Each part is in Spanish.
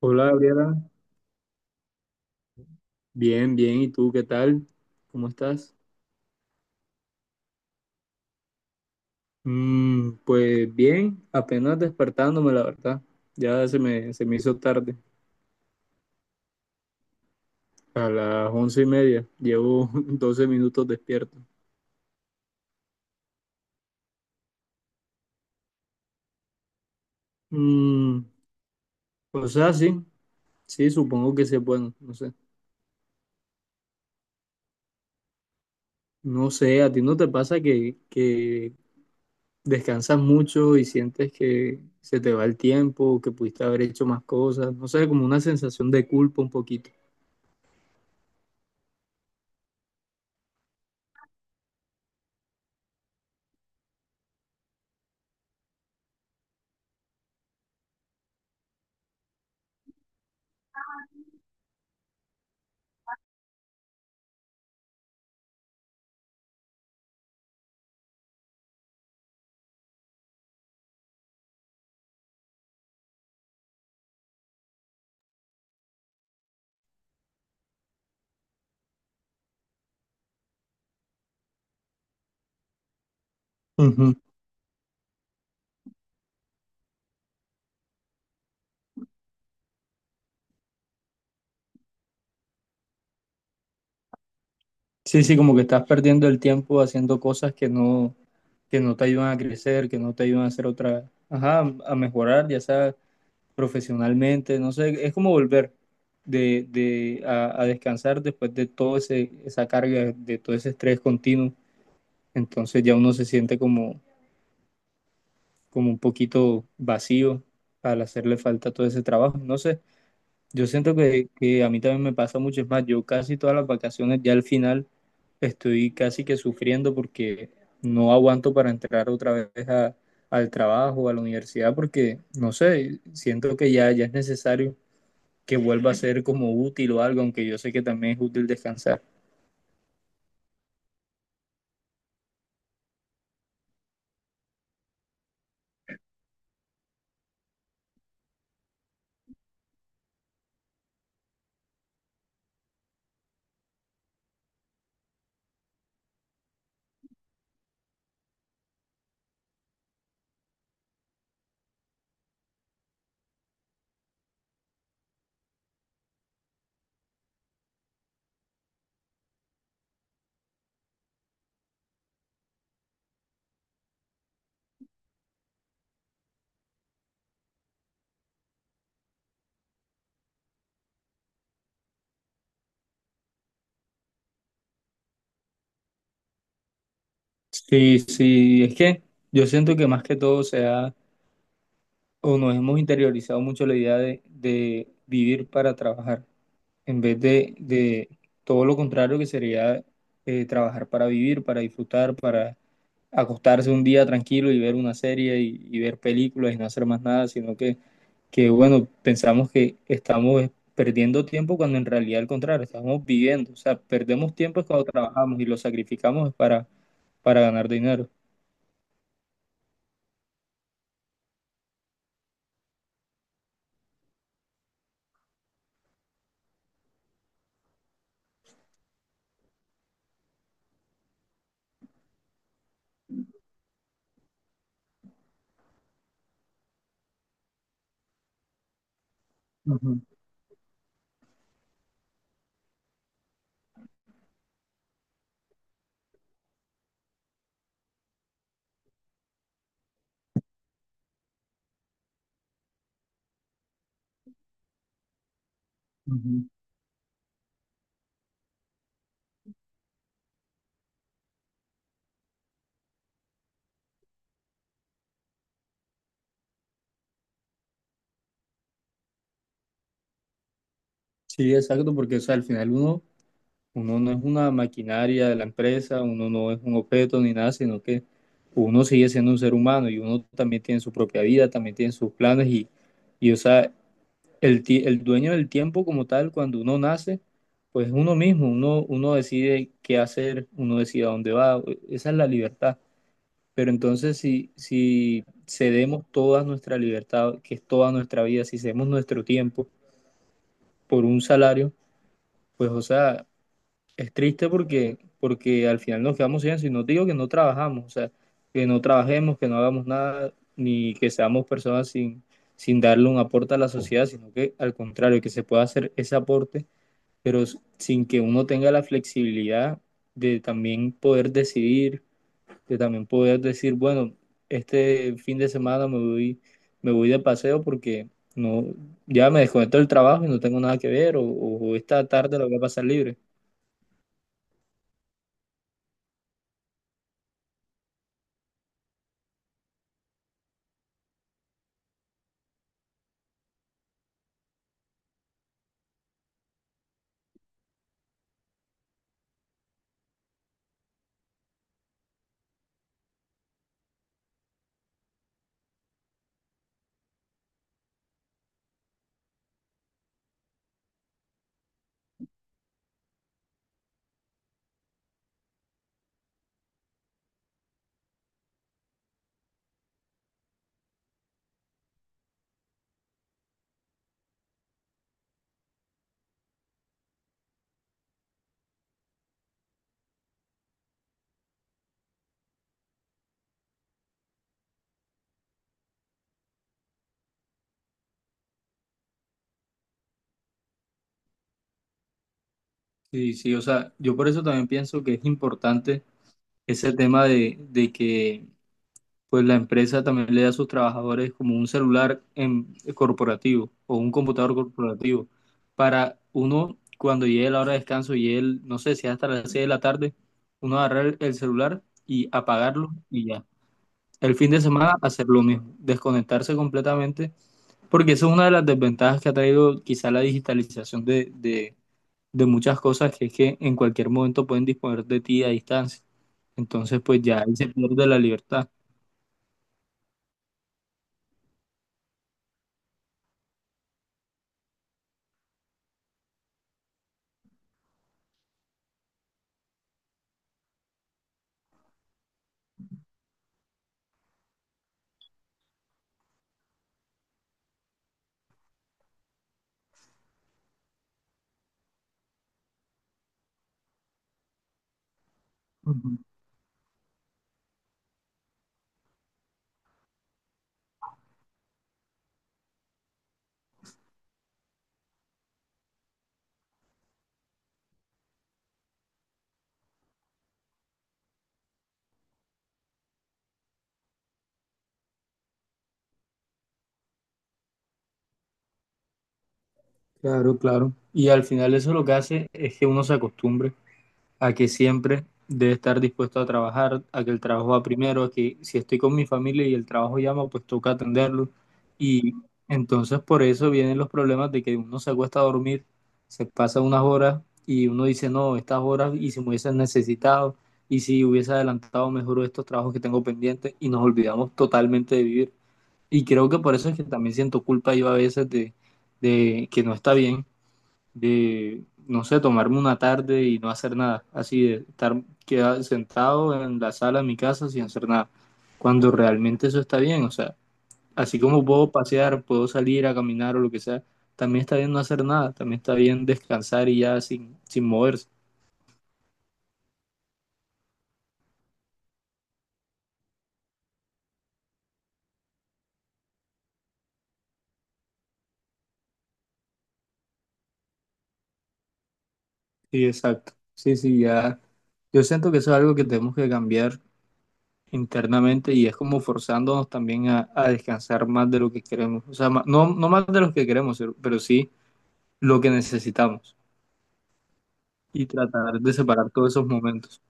Hola, Gabriela. Bien, bien, ¿y tú qué tal? ¿Cómo estás? Pues bien, apenas despertándome, la verdad. Ya se me hizo tarde, a las once y media. Llevo 12 minutos despierto. Mm, o sea, sí, sí, supongo que sí es bueno, no sé. No sé, ¿a ti no te pasa que descansas mucho y sientes que se te va el tiempo, que pudiste haber hecho más cosas? No sé, como una sensación de culpa un poquito. Sí, sí, como que estás perdiendo el tiempo haciendo cosas que no te ayudan a crecer, que no te ayudan a hacer otra, ajá, a mejorar, ya sea profesionalmente, no sé, es como volver a descansar después de esa carga, de todo ese estrés continuo. Entonces ya uno se siente como un poquito vacío al hacerle falta todo ese trabajo. No sé. Yo siento que a mí también me pasa mucho, es más, yo casi todas las vacaciones ya al final estoy casi que sufriendo porque no aguanto para entrar otra vez al trabajo, a la universidad, porque no sé, siento que ya es necesario que vuelva a ser como útil o algo, aunque yo sé que también es útil descansar. Sí, sí, es que yo siento que más que todo o nos hemos interiorizado mucho la idea de vivir para trabajar, en vez de todo lo contrario, que sería trabajar para vivir, para disfrutar, para acostarse un día tranquilo y ver una serie y ver películas y no hacer más nada, que, bueno, pensamos que estamos perdiendo tiempo cuando en realidad, al contrario, estamos viviendo. O sea, perdemos tiempo es cuando trabajamos y lo sacrificamos para ganar dinero. Ujú, ujú. Sí, exacto, porque, o sea, al final uno no es una maquinaria de la empresa, uno no es un objeto ni nada, sino que uno sigue siendo un ser humano y uno también tiene su propia vida, también tiene sus planes y, o sea, el dueño del tiempo como tal, cuando uno nace, pues es uno mismo, uno decide qué hacer, uno decide a dónde va, esa es la libertad. Pero entonces si cedemos toda nuestra libertad, que es toda nuestra vida, si cedemos nuestro tiempo por un salario, pues o sea... Es triste porque, porque al final nos quedamos sin eso, y no digo que no trabajamos, o sea, que no trabajemos, que no hagamos nada, ni que seamos personas sin darle un aporte a la sociedad, sino que al contrario, que se pueda hacer ese aporte, pero sin que uno tenga la flexibilidad de también poder decidir, de también poder decir, bueno, este fin de semana me voy de paseo porque no, ya me desconecto del trabajo y no tengo nada que ver, o esta tarde la voy a pasar libre. Sí, sí, o sea, yo por eso también pienso que es importante ese tema de que pues la empresa también le da a sus trabajadores como un celular corporativo o un computador corporativo para uno cuando llegue la hora de descanso y él, no sé si es hasta las 6 de la tarde, uno agarrar el celular y apagarlo y ya. El fin de semana hacer lo mismo, desconectarse completamente, porque esa es una de las desventajas que ha traído quizá la digitalización de muchas cosas, que es que en cualquier momento pueden disponer de ti a distancia. Entonces, pues ya ahí se pierde la libertad. Ujú. Claro, claro. Y al final eso lo que hace es que uno se acostumbre a que siempre debe estar dispuesto a trabajar, a que el trabajo va primero, a que si estoy con mi familia y el trabajo llama, pues toca atenderlo. Y entonces por eso vienen los problemas de que uno se acuesta a dormir, se pasa unas horas y uno dice, no, estas horas y si me hubiesen necesitado y si hubiese adelantado mejor estos trabajos que tengo pendientes, y nos olvidamos totalmente de vivir. Y creo que por eso es que también siento culpa yo a veces de que no está bien de, no sé, tomarme una tarde y no hacer nada, así de estar quedado, sentado en la sala de mi casa sin hacer nada, cuando realmente eso está bien, o sea, así como puedo pasear, puedo salir a caminar o lo que sea, también está bien no hacer nada, también está bien descansar y ya sin moverse. Sí, exacto. Sí, sí, ya. Yo siento que eso es algo que tenemos que cambiar internamente y es como forzándonos también a descansar más de lo que queremos. O sea, no, no más de lo que queremos, pero sí lo que necesitamos. Y tratar de separar todos esos momentos.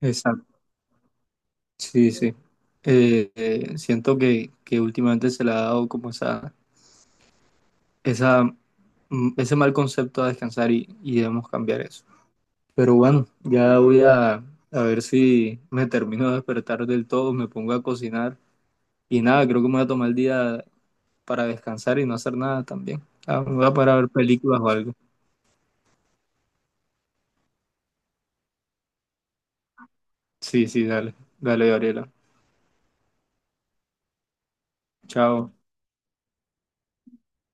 Exacto, sí, sí. Siento que últimamente se le ha dado como esa, ese mal concepto a descansar y debemos cambiar eso. Pero bueno, ya voy a ver si me termino de despertar del todo, me pongo a cocinar y nada, creo que me voy a tomar el día para descansar y no hacer nada también. Ah, me voy a parar a ver películas o algo. Sí, sí, dale, dale, Gabriela. Chao.